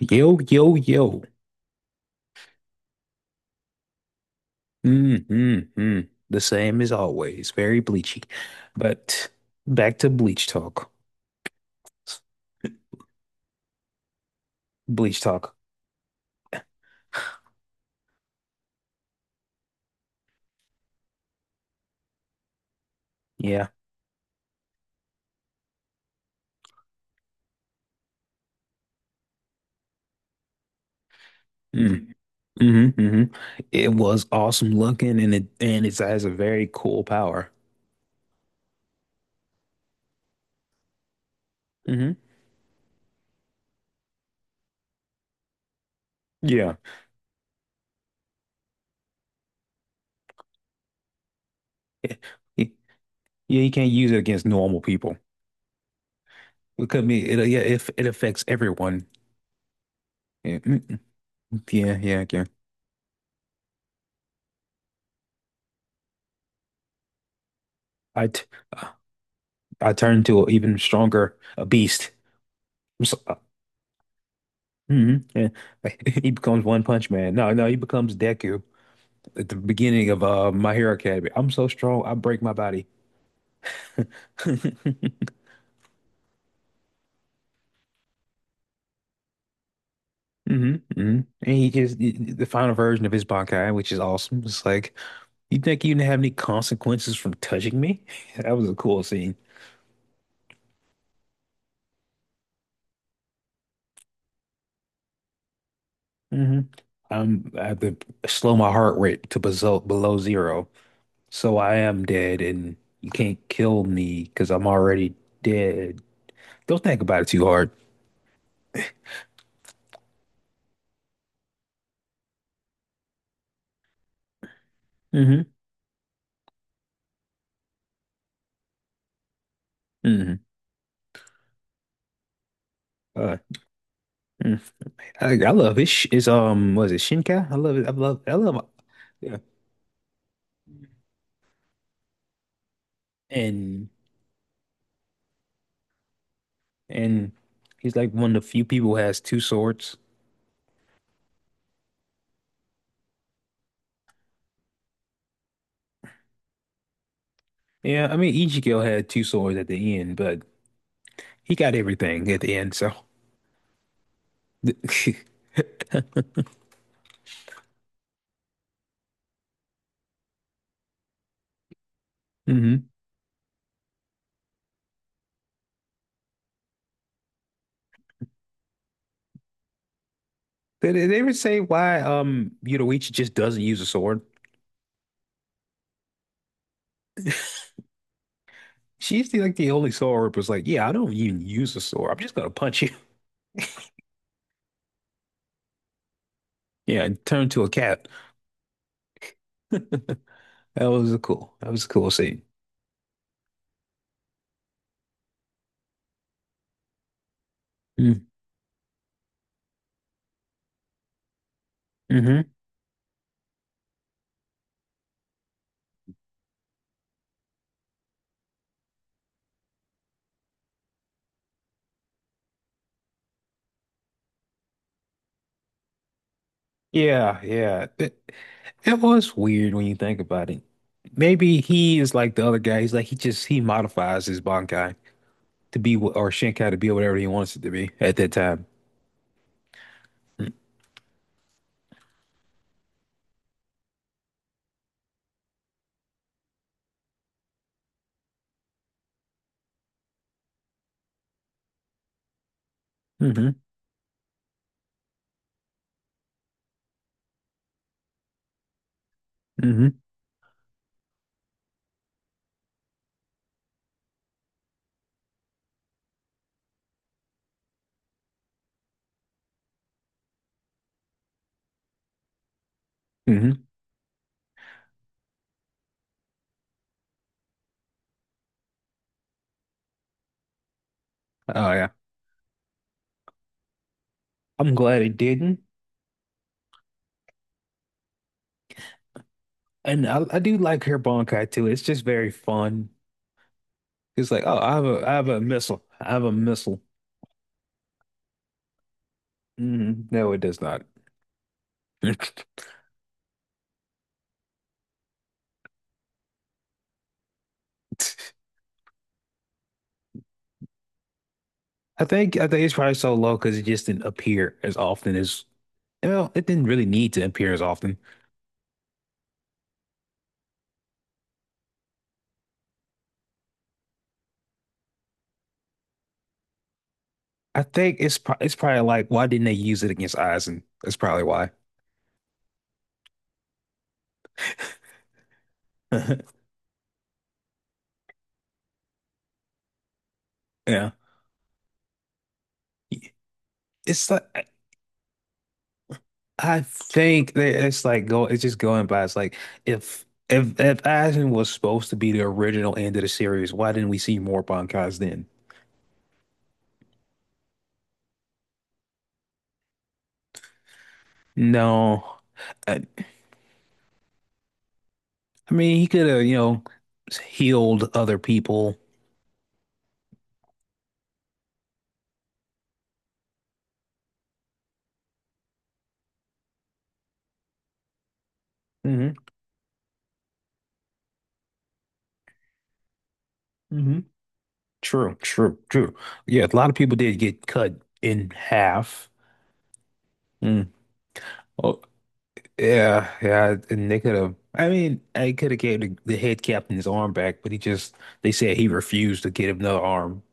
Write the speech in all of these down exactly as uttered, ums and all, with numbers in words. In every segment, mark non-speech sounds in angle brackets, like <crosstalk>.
Yo, yo, yo. Mm, mm, mm. The same as always. Very bleachy. But back to bleach talk. Bleach talk. Yeah. Mm, hmm hmm. It was awesome looking and it and it has a very cool power. Hmm. Yeah. Yeah, yeah, you can't use it against normal people. It could be it, yeah, if it affects everyone. Yeah, mm, mm, yeah, yeah, yeah. I t I turned to an even stronger a beast. I'm so- hmm Yeah. <laughs> He becomes One Punch Man. No, no, he becomes Deku at the beginning of uh My Hero Academy. I'm so strong, I break my body. <laughs> Hmm hmm. And he just the final version of his Bankai, which is awesome. It's like, you think you didn't have any consequences from touching me? <laughs> That was a cool scene. Hmm. I'm I have to slow my heart rate to below below zero, so I am dead, and you can't kill me because I'm already dead. Don't think about it too hard. Mm-hmm. Hmm. Uh, mm. I, I love it. Sh- It's um, was it Shinkai? I love it. I love. I love. Yeah. And and he's like one of the few people who has two swords. Yeah, I mean Ichigo had two swords at the end, but he got everything at the end. So. <laughs> Hmm. Did did they ever say why um Yoruichi just doesn't use a sword? She's the, like the only sword was like, yeah, I don't even use a sword. I'm just gonna punch you. <laughs> Yeah, and turn to a cat. <laughs> That was a cool. That was a cool scene. Hmm. Yeah, yeah. It, it was weird when you think about it. Maybe he is like the other guy. He's like he just he modifies his Bankai to be wh- or Shinkai to be whatever he wants it to be at that time. Hmm hmm hmm. Oh yeah. I'm glad it didn't. And I, I do like her Bankai too. It's just very fun. It's like, oh, I have a I have a missile. I have a missile. Hmm. No, it does not. <laughs> I think I think it's probably so low because it just didn't appear as often as. Well, it didn't really need to appear as often. I think it's pro it's probably like, why didn't they use it against Aizen? That's probably why. <laughs> Yeah, it's like I I think that it's like go it's just going by. It's like if if if Aizen was supposed to be the original end of the series, why didn't we see more Bankais then? No, I, I mean he could have, you know healed other people. Hmm hmm. True, true, true. Yeah, a lot of people did get cut in half. Mm. Oh, yeah, yeah, and they could have. I mean, I could have gave the, the head captain his arm back, but he just they said he refused to give him another arm.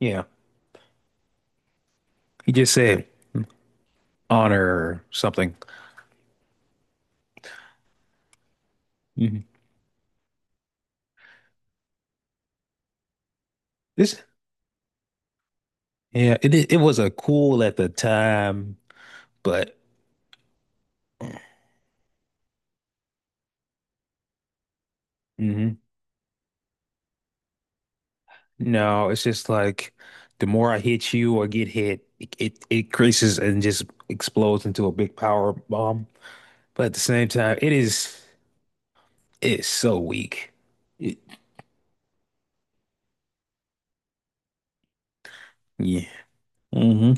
Yeah, he just said honor or something. Hmm. This, yeah, it it was a cool at the time, but mhm. No, it's just like the more I hit you or get hit, it, it it creases and just explodes into a big power bomb. But at the same time, it is it is so weak. It, yeah. Hmm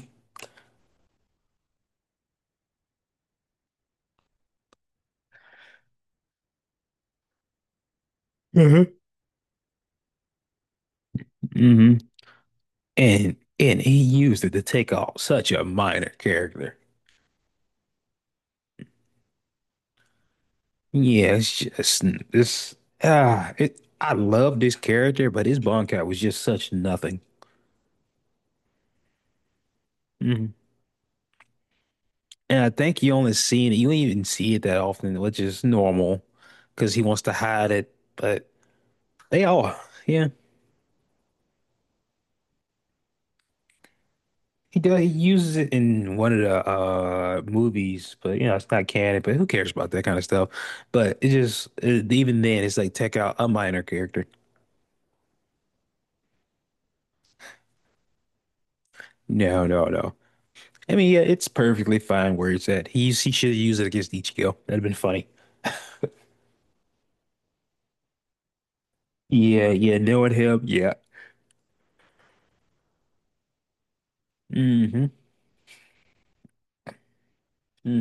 hmm. And and he used it to take off such a minor character. Yeah, it's just this ah it I love this character, but his Bonkai was just such nothing. Hmm. And I think you only see it, you don't even see it that often, which is normal because he wants to hide it. But they all, yeah, he does. He uses it in one of the uh movies, but you know it's not canon. But who cares about that kind of stuff? But it just it, even then, it's like take out a minor character. No, no, no. I mean, yeah, it's perfectly fine where it's at. He's he should have used it against Ichigo. That'd have been funny. Yeah, yeah, knowing him, yeah. Hmm. Mm.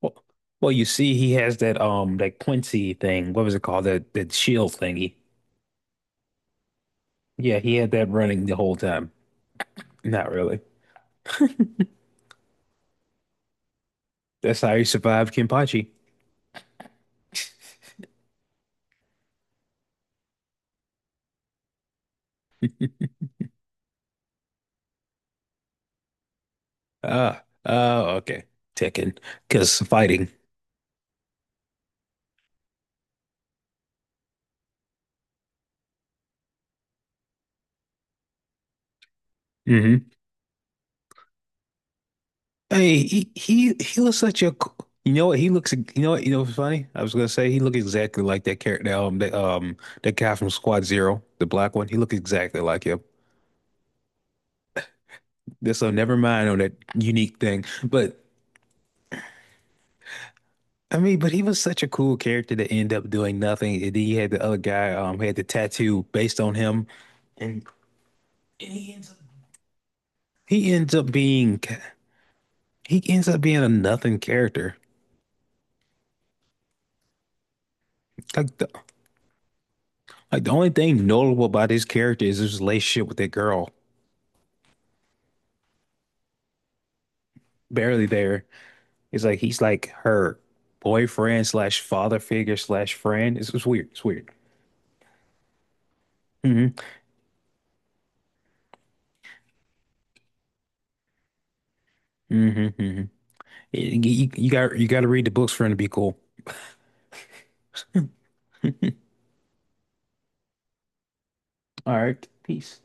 Well, well, you see, he has that um that Quincy thing. What was it called? That that shield thingy. Yeah, he had that running the whole time. Not really. That's how he survived Kenpachi. Ah, oh, okay. Tekken, because fighting. Mm-hmm. Hey, he he he looks such a c- you know what he looks you know what you know what's funny? I was gonna say he looked exactly like that character um that um that guy from Squad Zero, the black one. He looked exactly like him. This so never mind on that unique thing. But I mean, but he was such a cool character to end up doing nothing. And then you had the other guy um had the tattoo based on him, and, and he ends up he ends up being he ends up being a nothing character. Like the like the only thing notable about his character is his relationship with that girl. Barely there. It's like he's like her boyfriend slash father figure slash friend. It's, it's weird. It's weird. Hmm hmm hmm. You, you got you got to read the books for him to be cool. All right. Peace.